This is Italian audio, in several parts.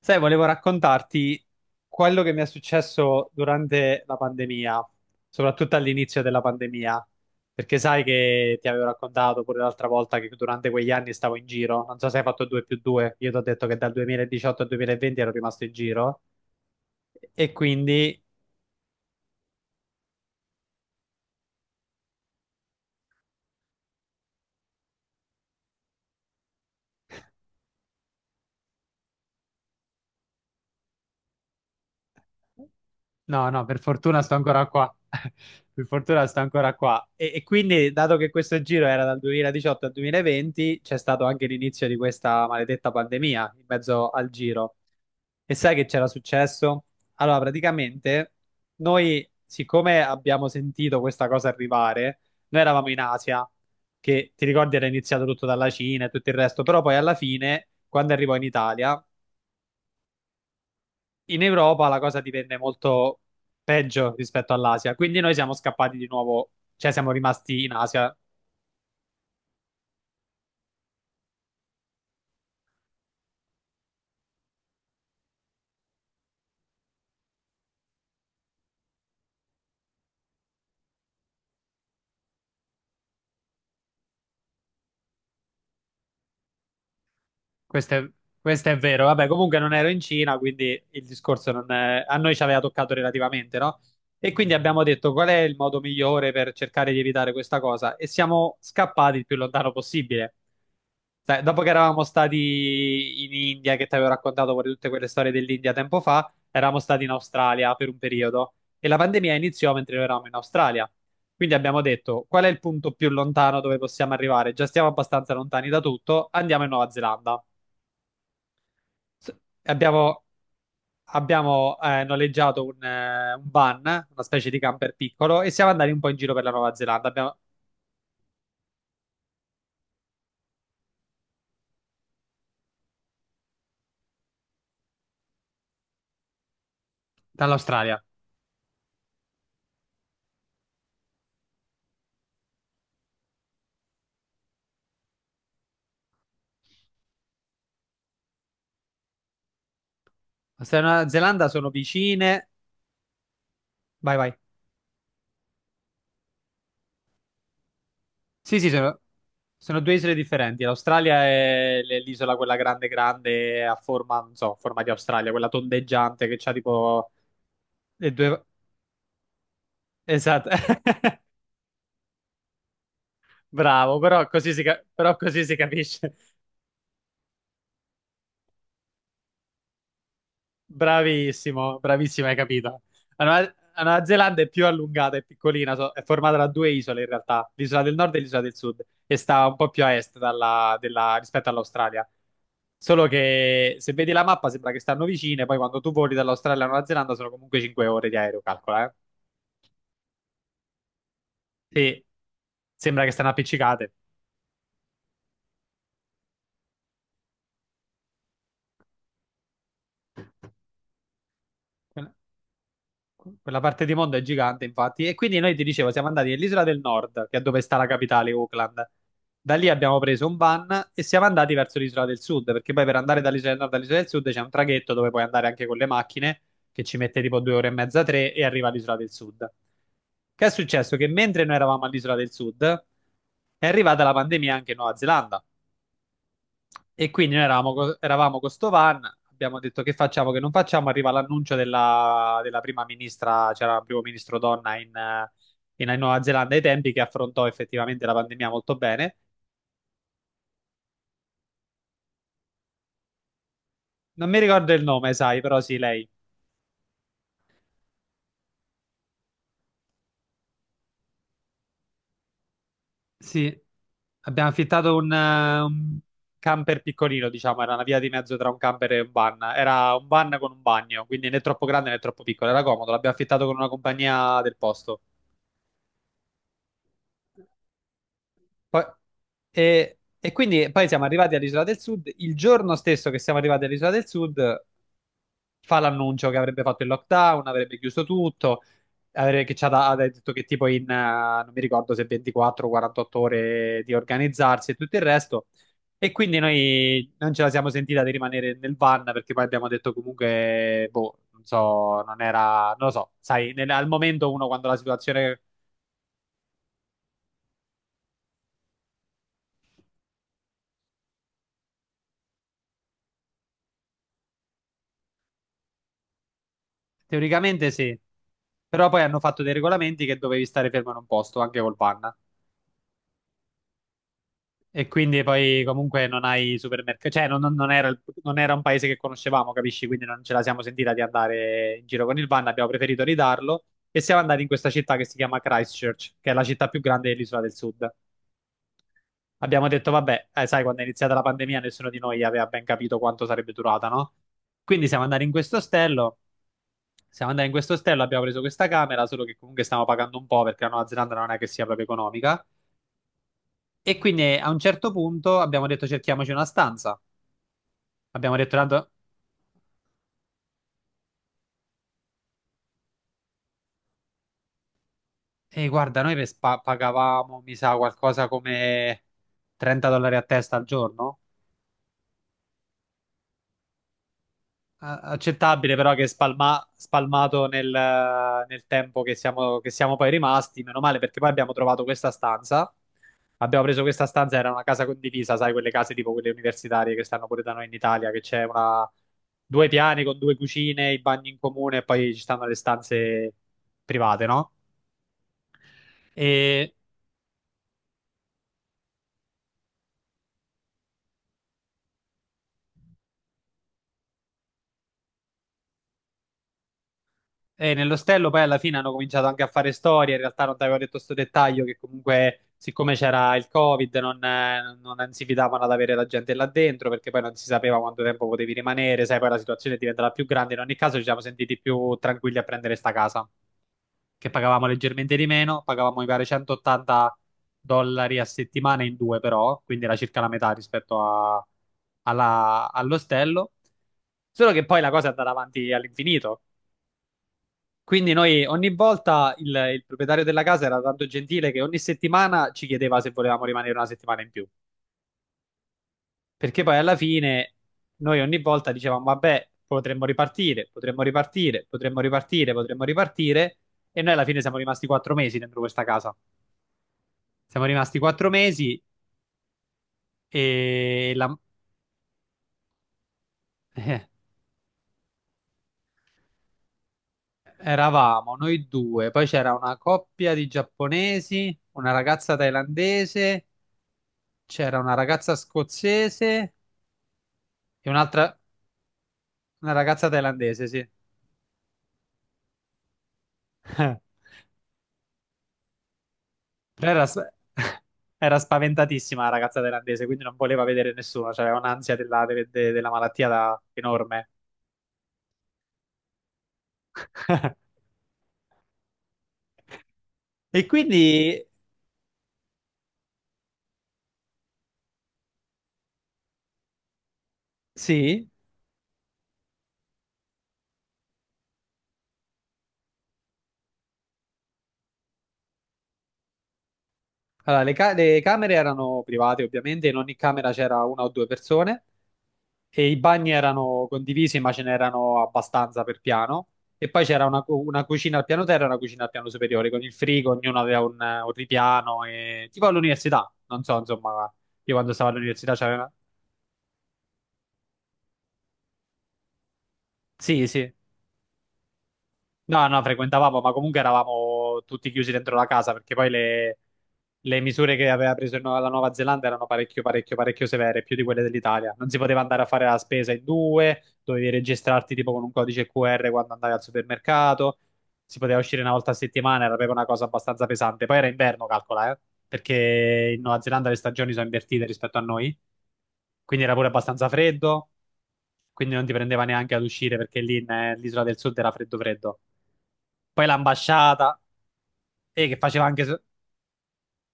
Sai, volevo raccontarti quello che mi è successo durante la pandemia, soprattutto all'inizio della pandemia, perché sai che ti avevo raccontato pure l'altra volta che durante quegli anni stavo in giro. Non so se hai fatto 2 più 2, io ti ho detto che dal 2018 al 2020 ero rimasto in giro e quindi... No, no, per fortuna sto ancora qua. Per fortuna sto ancora qua. E quindi, dato che questo giro era dal 2018 al 2020, c'è stato anche l'inizio di questa maledetta pandemia in mezzo al giro. E sai che c'era successo? Allora, praticamente, noi, siccome abbiamo sentito questa cosa arrivare, noi eravamo in Asia, che ti ricordi era iniziato tutto dalla Cina e tutto il resto, però poi alla fine, quando arrivò in Italia, in Europa la cosa divenne molto peggio rispetto all'Asia, quindi noi siamo scappati di nuovo, cioè siamo rimasti in Asia. Questo è, Questo è vero. Vabbè, comunque non ero in Cina, quindi il discorso non è- a noi ci aveva toccato relativamente, no? E quindi abbiamo detto qual è il modo migliore per cercare di evitare questa cosa e siamo scappati il più lontano possibile. Sai, dopo che eravamo stati in India, che ti avevo raccontato pure tutte quelle storie dell'India tempo fa, eravamo stati in Australia per un periodo e la pandemia iniziò mentre noi eravamo in Australia. Quindi abbiamo detto qual è il punto più lontano dove possiamo arrivare? Già stiamo abbastanza lontani da tutto, andiamo in Nuova Zelanda. S- Abbiamo, noleggiato un van, una specie di camper piccolo, e siamo andati un po' in giro per la Nuova Zelanda. Dall'Australia. Australia e Nuova Zelanda sono vicine. Vai, vai. Sì, sì, sono due isole differenti. L'Australia è l'isola quella grande, grande, a forma, non so, a forma di Australia, quella tondeggiante che c'ha tipo le due... Esatto. Bravo, però però così si capisce. Bravissimo, bravissimo, hai capito. La Nuova, la Nuova Zelanda è più allungata, è piccolina, è formata da due isole in realtà, l'isola del nord e l'isola del sud, e sta un po' più a est rispetto all'Australia. Solo che se vedi la mappa sembra che stanno vicine, poi quando tu voli dall'Australia alla Nuova Zelanda sono comunque 5 ore di aereo, calcola, eh. Sì, sembra che stanno appiccicate. Quella parte di mondo è gigante, infatti. E quindi noi ti dicevo, siamo andati nell'isola del nord, che è dove sta la capitale, Auckland. Da lì abbiamo preso un van e siamo andati verso l'isola del sud, perché poi per andare dall'isola del nord all'isola del sud c'è un traghetto dove puoi andare anche con le macchine, che ci mette tipo due ore e mezza, tre, e arriva all'isola del sud. Che è successo? Che mentre noi eravamo all'isola del sud, è arrivata la pandemia anche in Nuova Zelanda. E quindi noi eravamo con sto van, abbiamo detto che facciamo, che non facciamo, arriva l'annuncio della prima ministra, c'era il primo ministro donna in Nuova Zelanda ai tempi, che affrontò effettivamente la pandemia molto bene. Non mi ricordo il nome, sai, però sì, lei. Sì, abbiamo affittato un camper piccolino, diciamo, era una via di mezzo tra un camper e un van. Era un van con un bagno, quindi né troppo grande né troppo piccolo, era comodo, l'abbiamo affittato con una compagnia del posto. Poi- e quindi poi siamo arrivati all'Isola del Sud. Il giorno stesso che siamo arrivati all'Isola del Sud, fa l'annuncio che avrebbe fatto il lockdown, avrebbe chiuso tutto, avrebbe, che ci ha, da- ha detto che tipo non mi ricordo se 24 o 48 ore di organizzarsi e tutto il resto. E quindi noi non ce la siamo sentita di rimanere nel van perché poi abbiamo detto comunque, boh, non so, non era, non lo so, sai, al momento uno quando la situazione, teoricamente sì. Però poi hanno fatto dei regolamenti che dovevi stare fermo in un posto anche col panna. E quindi poi comunque non hai supermercati, cioè non era, non era un paese che conoscevamo, capisci? Quindi non ce la siamo sentita di andare in giro con il van, abbiamo preferito ridarlo e siamo andati in questa città che si chiama Christchurch, che è la città più grande dell'isola del sud. Abbiamo detto, vabbè, sai, quando è iniziata la pandemia nessuno di noi aveva ben capito quanto sarebbe durata, no? Quindi siamo andati in questo ostello, abbiamo preso questa camera, solo che comunque stiamo pagando un po' perché la Nuova Zelanda non è che sia proprio economica. E quindi a un certo punto abbiamo detto cerchiamoci una stanza. Abbiamo detto tanto, "Ehi, guarda, noi per pagavamo, mi sa, qualcosa come 30 dollari a testa al giorno." Accettabile, però che spalmato nel tempo che che siamo poi rimasti, meno male perché poi abbiamo trovato questa stanza. Abbiamo preso questa stanza, era una casa condivisa, sai, quelle case tipo quelle universitarie che stanno pure da noi in Italia, che c'è una... due piani con due cucine, i bagni in comune e poi ci stanno le stanze private, no? E, e nell'ostello poi alla fine hanno cominciato anche a fare storie. In realtà non ti avevo detto questo dettaglio che comunque, siccome c'era il Covid, non si fidavano ad avere la gente là dentro perché poi non si sapeva quanto tempo potevi rimanere. Sai, poi la situazione diventerà più grande. In ogni caso, ci siamo sentiti più tranquilli a prendere sta casa, che pagavamo leggermente di meno. Pagavamo, mi pare, 180 dollari a settimana in due, però, quindi era circa la metà rispetto all'ostello. Solo che poi la cosa è andata avanti all'infinito. Quindi noi ogni volta il proprietario della casa era tanto gentile che ogni settimana ci chiedeva se volevamo rimanere una settimana in più. Perché poi alla fine noi ogni volta dicevamo, vabbè, potremmo ripartire, potremmo ripartire, potremmo ripartire, potremmo ripartire. E noi alla fine siamo rimasti quattro mesi dentro questa casa. Siamo rimasti quattro mesi e eh, eravamo noi due, poi c'era una coppia di giapponesi, una ragazza thailandese, c'era una ragazza scozzese e un'altra... Una ragazza thailandese, sì. Però era spaventatissima la ragazza thailandese, quindi non voleva vedere nessuno, cioè aveva un'ansia della malattia enorme. E quindi, sì, allora, le camere erano private ovviamente, in ogni camera c'era una o due persone e i bagni erano condivisi, ma ce n'erano abbastanza per piano. E poi c'era una cucina al piano terra e una cucina al piano superiore, con il frigo, ognuno aveva un ripiano, e... tipo all'università, non so, insomma, io quando stavo all'università c'aveva... Sì, sì. No, no, frequentavamo, ma comunque eravamo tutti chiusi dentro la casa, perché poi le misure che aveva preso la Nuova Zelanda erano parecchio, parecchio, parecchio severe, più di quelle dell'Italia. Non si poteva andare a fare la spesa in due, dovevi registrarti tipo con un codice QR quando andavi al supermercato, si poteva uscire una volta a settimana, era proprio una cosa abbastanza pesante. Poi era inverno, calcola, perché in Nuova Zelanda le stagioni sono invertite rispetto a noi, quindi era pure abbastanza freddo, quindi non ti prendeva neanche ad uscire perché lì nell'isola del sud era freddo freddo. Poi l'ambasciata, che faceva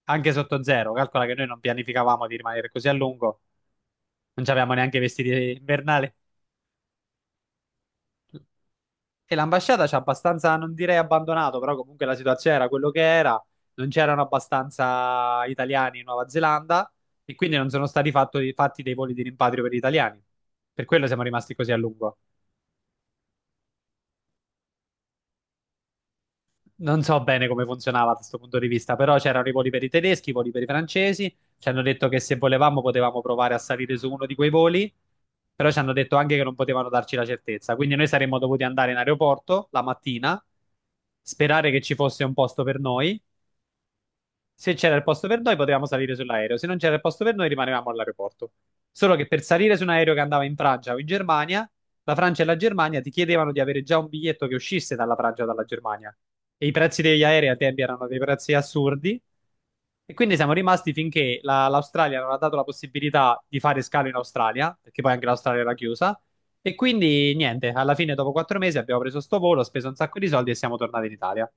anche sotto zero, calcola che noi non pianificavamo di rimanere così a lungo, non avevamo neanche i vestiti invernali. E l'ambasciata ci ha abbastanza, non direi abbandonato, però comunque la situazione era quello che era. Non c'erano abbastanza italiani in Nuova Zelanda e quindi non sono fatti dei voli di rimpatrio per gli italiani. Per quello siamo rimasti così a lungo. Non so bene come funzionava da questo punto di vista, però c'erano i voli per i tedeschi, i voli per i francesi. Ci hanno detto che se volevamo potevamo provare a salire su uno di quei voli, però ci hanno detto anche che non potevano darci la certezza. Quindi noi saremmo dovuti andare in aeroporto la mattina, sperare che ci fosse un posto per noi. Se c'era il posto per noi, potevamo salire sull'aereo, se non c'era il posto per noi, rimanevamo all'aeroporto. Solo che per salire su un aereo che andava in Francia o in Germania, la Francia e la Germania ti chiedevano di avere già un biglietto che uscisse dalla Francia o dalla Germania. E i prezzi degli aerei a tempi erano dei prezzi assurdi. E quindi siamo rimasti finché l'Australia non ha dato la possibilità di fare scalo in Australia, perché poi anche l'Australia era chiusa. E quindi niente, alla fine, dopo quattro mesi, abbiamo preso sto volo, speso un sacco di soldi e siamo tornati in Italia.